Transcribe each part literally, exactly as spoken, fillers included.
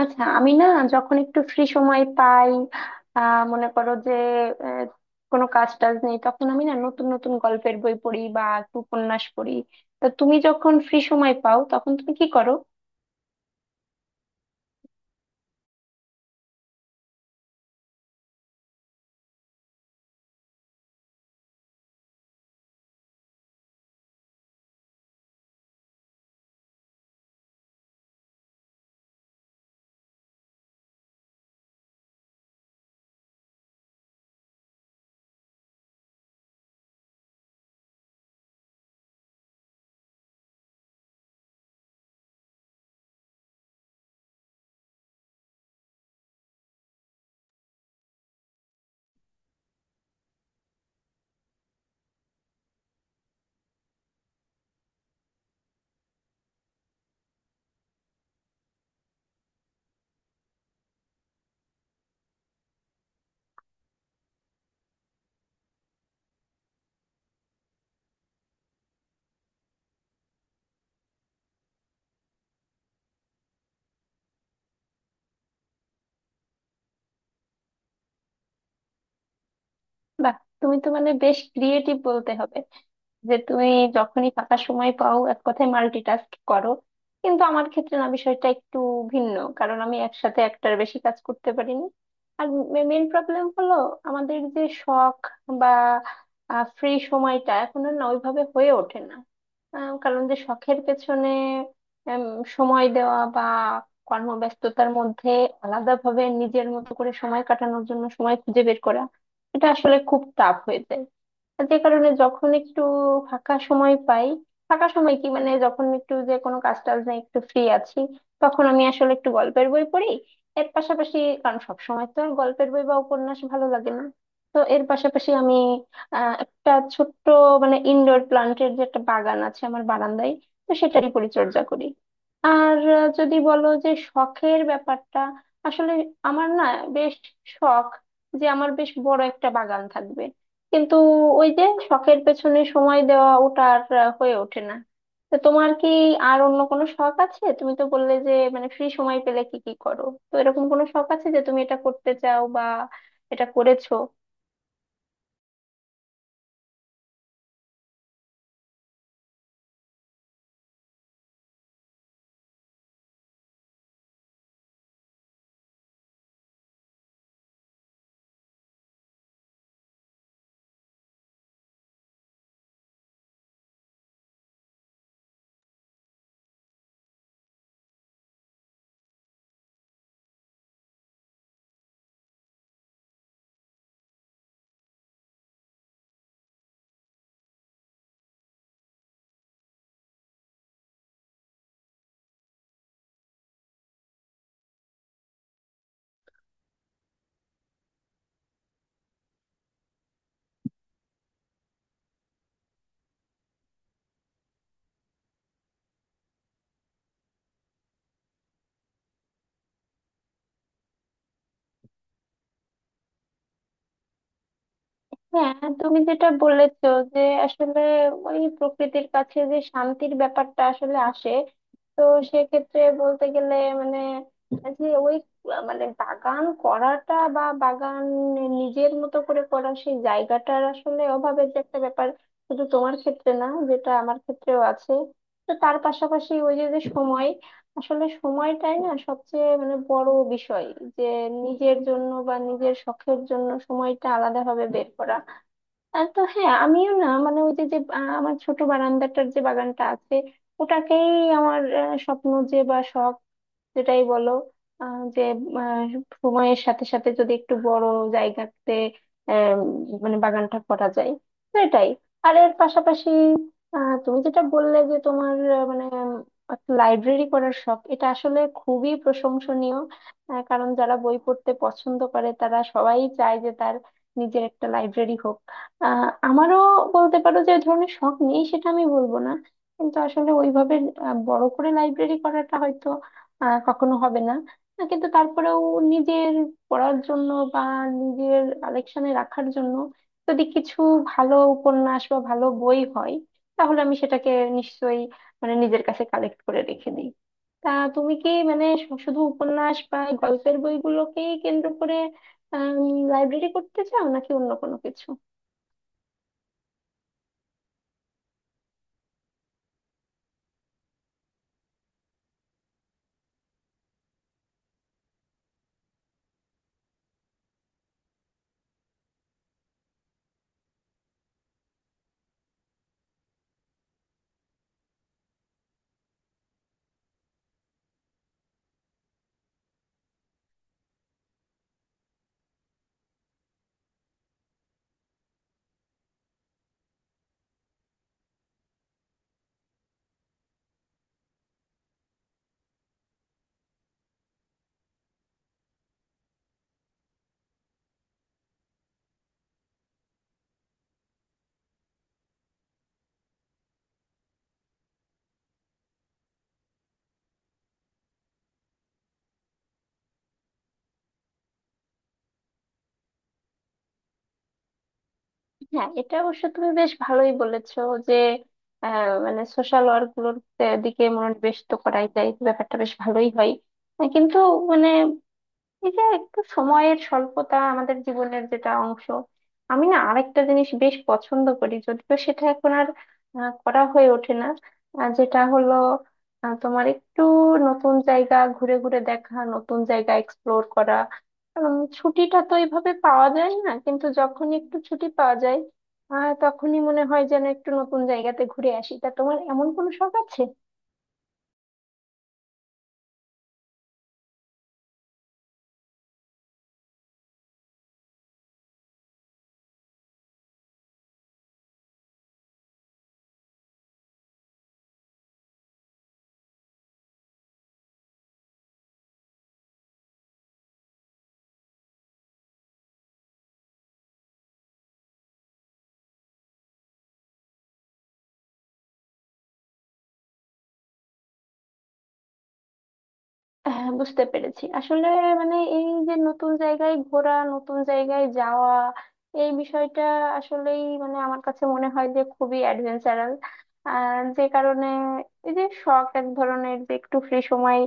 আচ্ছা আমি না যখন একটু ফ্রি সময় পাই আহ মনে করো যে আহ, কোনো কাজ টাজ নেই তখন আমি না নতুন নতুন গল্পের বই পড়ি বা একটু উপন্যাস পড়ি। তা তুমি যখন ফ্রি সময় পাও তখন তুমি কি করো? বাহ তুমি তো মানে বেশ ক্রিয়েটিভ বলতে হবে যে তুমি যখনই ফাঁকা সময় পাও এক কথায় মাল্টিটাস্ক করো। কিন্তু আমার ক্ষেত্রে না বিষয়টা একটু ভিন্ন কারণ আমি একসাথে একটার বেশি কাজ করতে পারিনি। আর মেইন প্রবলেম হলো আমাদের যে শখ বা ফ্রি সময়টা এখন আর না ওইভাবে হয়ে ওঠে না। আহ, কারণ যে শখের পেছনে উম, সময় দেওয়া বা কর্মব্যস্ততার মধ্যে আলাদাভাবে নিজের মতো করে সময় কাটানোর জন্য সময় খুঁজে বের করা এটা আসলে খুব টাফ হয়ে যায়। যে কারণে যখন একটু ফাঁকা সময় পাই, ফাঁকা সময় কি মানে যখন একটু যে কোনো কাজ টাজ নেই একটু ফ্রি আছি, তখন আমি আসলে একটু গল্পের বই পড়ি। এর পাশাপাশি কারণ সব সময় তো আর গল্পের বই বা উপন্যাস ভালো লাগে না তো এর পাশাপাশি আমি আহ একটা ছোট্ট মানে ইনডোর প্লান্টের যে একটা বাগান আছে আমার বারান্দায় তো সেটারই পরিচর্যা করি। আর আহ, যদি বলো যে শখের ব্যাপারটা আসলে আমার না বেশ শখ যে আমার বেশ বড় একটা বাগান থাকবে। কিন্তু ওই যে শখের পেছনে সময় দেওয়া ওটা আর আহ, হয়ে ওঠে না। তো তোমার কি আর অন্য কোনো শখ আছে? তুমি তো বললে যে মানে ফ্রি সময় পেলে কি কি করো, তো এরকম কোনো শখ আছে যে তুমি এটা করতে চাও বা এটা করেছো? হ্যাঁ, তুমি যেটা বলেছো যে আসলে ওই প্রকৃতির কাছে যে শান্তির ব্যাপারটা আসলে আসে, তো সেক্ষেত্রে বলতে গেলে মানে যে ওই মানে বাগান করাটা বা বাগান নিজের মতো করে করা সেই জায়গাটার আসলে অভাবের যে একটা ব্যাপার শুধু তোমার ক্ষেত্রে না যেটা আমার ক্ষেত্রেও আছে। তো তার পাশাপাশি ওই যে যে সময় আসলে সময়টাই না সবচেয়ে মানে বড় বিষয় যে নিজের জন্য বা নিজের শখের জন্য সময়টা আলাদাভাবে বের করা। আর তো হ্যাঁ আমিও না মানে ওই যে যে আহ, আমার ছোট বারান্দাটার যে বাগানটা আছে ওটাকেই আমার আহ, স্বপ্ন যে বা শখ যেটাই বলো, আহ, যে আহ, সময়ের সাথে সাথে যদি একটু বড় জায়গাতে আহ, মানে বাগানটা করা যায়, তো এটাই। আর এর পাশাপাশি আহ, তুমি যেটা বললে যে তোমার আহ, মানে উম, একটা লাইব্রেরি করার শখ এটা আসলে খুবই প্রশংসনীয়। আহ, কারণ যারা বই পড়তে পছন্দ করে তারা সবাই চায় যে তার নিজের একটা লাইব্রেরি হোক। আহ আমারও বলতে পারো যে ওই ধরনের শখ নেই সেটা আমি বলবো না। কিন্তু আসলে ওইভাবে আহ, বড় করে লাইব্রেরি করাটা হয়তো আহ, কখনো হবে না। আহ, কিন্তু তারপরেও নিজের পড়ার জন্য বা নিজের কালেকশনে রাখার জন্য যদি কিছু ভালো উপন্যাস বা ভালো বই হয় তাহলে আমি সেটাকে নিশ্চয়ই মানে নিজের কাছে কালেক্ট করে রেখে দিই। তা তুমি কি মানে শু- শুধু উপন্যাস বা এই গল্পের বইগুলোকেই কেন্দ্র করে লাইব্রেরি করতে চাও নাকি অন্য কোনো কিছু? হ্যাঁ, এটা অবশ্য তুমি বেশ ভালোই বলেছো যে আহ, মানে সোশ্যাল ওয়ার্ক গুলোর দিকে মনোনিবেশ তো করাই যায় ব্যাপারটা বেশ ভালোই হয়। আহ, কিন্তু মানে এই যে একটু সময়ের স্বল্পতা আমাদের জীবনের যেটা অংশ আমি না আরেকটা জিনিস বেশ পছন্দ করি যদিও সেটা এখন আর আহ, করা হয়ে ওঠে না। আহ, যেটা হলো আহ, তোমার একটু নতুন জায়গা ঘুরে ঘুরে দেখা নতুন জায়গা এক্সপ্লোর করা। কারণ ছুটিটা তো এইভাবে পাওয়া যায় না কিন্তু যখন একটু ছুটি পাওয়া যায় আহ তখনই মনে হয় যেন একটু নতুন জায়গাতে ঘুরে আসি। তা তোমার এমন কোনো শখ আছে? হ্যাঁ, বুঝতে পেরেছি আসলে মানে এই যে নতুন জায়গায় ঘোরা নতুন জায়গায় যাওয়া এই বিষয়টা আসলেই মানে আমার কাছে মনে হয় যে খুবই অ্যাডভেঞ্চারাল। আর যে কারণে এই যে শখ এক ধরনের যে একটু ফ্রি সময়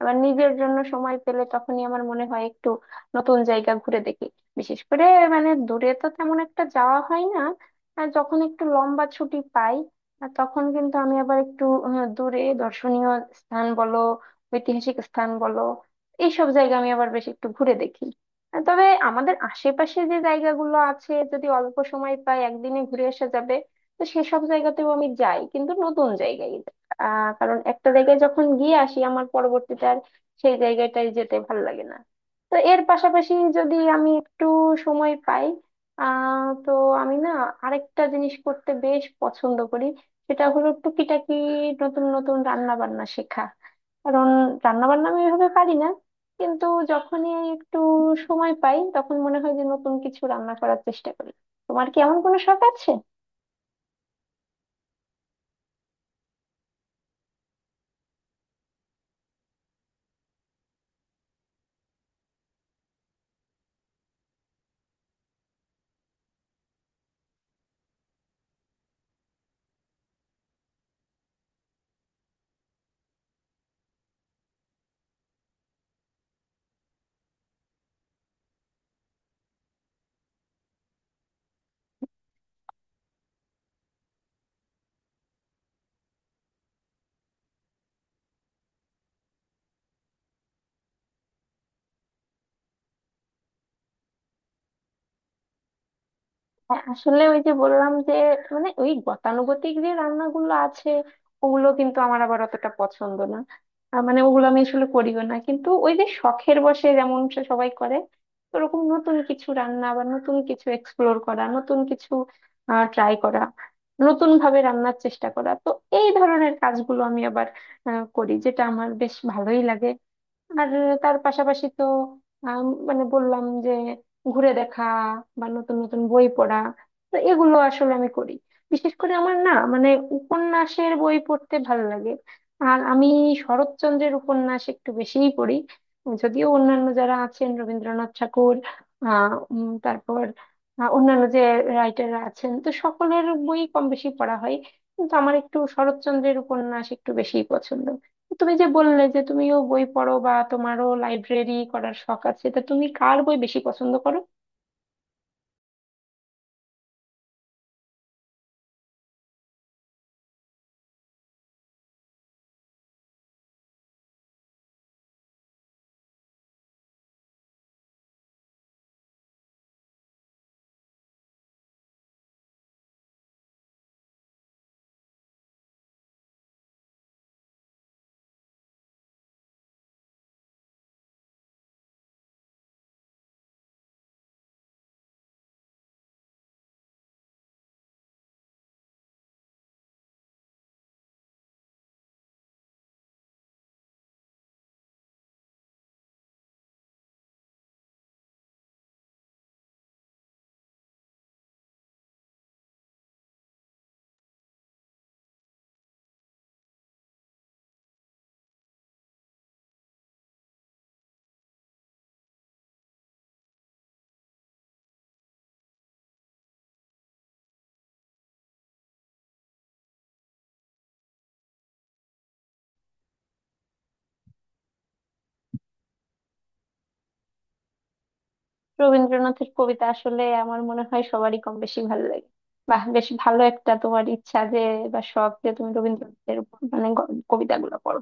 আবার নিজের জন্য সময় পেলে তখনই আমার মনে হয় একটু নতুন জায়গা ঘুরে দেখি। বিশেষ করে মানে দূরে তো তেমন একটা যাওয়া হয় না আর যখন একটু লম্বা ছুটি পাই আর তখন কিন্তু আমি আবার একটু আহ, দূরে দর্শনীয় স্থান বলো ঐতিহাসিক স্থান বলো এইসব জায়গা আমি আবার বেশ একটু ঘুরে দেখি। আর তবে আমাদের আশেপাশে যে জায়গাগুলো আছে যদি অল্প সময় পাই একদিনে ঘুরে আসা যাবে তো সেসব জায়গাতেও আমি যাই কিন্তু নতুন জায়গায় যাই। আহ কারণ একটা জায়গায় যখন গিয়ে আসি আমার পরবর্তীতে আর সেই জায়গাটায় যেতে ভালো লাগে না। তো এর পাশাপাশি যদি আমি একটু সময় পাই আহ তো আমি না আরেকটা জিনিস করতে বেশ পছন্দ করি, সেটা হলো টুকিটাকি নতুন নতুন রান্না বান্না শেখা। কারণ রান্না বান্না আমি এভাবে পারি না কিন্তু যখনই একটু সময় পাই তখন মনে হয় যে নতুন কিছু রান্না করার চেষ্টা করি। তোমার কি এমন কোনো শখ আছে? হ্যাঁ, আসলে ওই যে বললাম যে মানে ওই গতানুগতিক যে রান্নাগুলো আছে ওগুলো কিন্তু আমার আবার অতটা পছন্দ না। আহ, মানে ওগুলো আমি আসলে করিও না কিন্তু ওই যে শখের বশে যেমন সে সবাই করে ওরকম নতুন কিছু রান্না বা নতুন কিছু এক্সপ্লোর করা নতুন কিছু ট্রাই করা নতুন ভাবে রান্নার চেষ্টা করা তো এই ধরনের কাজগুলো আমি আবার আহ, করি যেটা আমার বেশ ভালোই লাগে। আর তার পাশাপাশি তো আম, মানে বললাম যে ঘুরে দেখা বা নতুন নতুন বই পড়া, তো এগুলো আসলে আমি করি। বিশেষ করে আমার না মানে উপন্যাসের বই পড়তে ভালো লাগে। আর আমি শরৎচন্দ্রের উপন্যাস একটু বেশিই পড়ি যদিও অন্যান্য যারা আছেন রবীন্দ্রনাথ ঠাকুর আহ উম, তারপর আহ, অন্যান্য যে রাইটাররা আছেন তো সকলের বই কম বেশি পড়া হয় কিন্তু আমার একটু শরৎচন্দ্রের উপন্যাস একটু বেশিই পছন্দ। তুমি যে বললে যে তুমিও বই পড়ো বা তোমারও লাইব্রেরি করার শখ আছে, তা তুমি কার বই বেশি পছন্দ করো? রবীন্দ্রনাথের কবিতা আসলে আমার মনে হয় সবারই কম বেশি ভালো লাগে। বাহ বেশ ভালো একটা তোমার ইচ্ছা যে বা শখ যে তুমি রবীন্দ্রনাথের মানে গ- কবিতাগুলো পড়ো।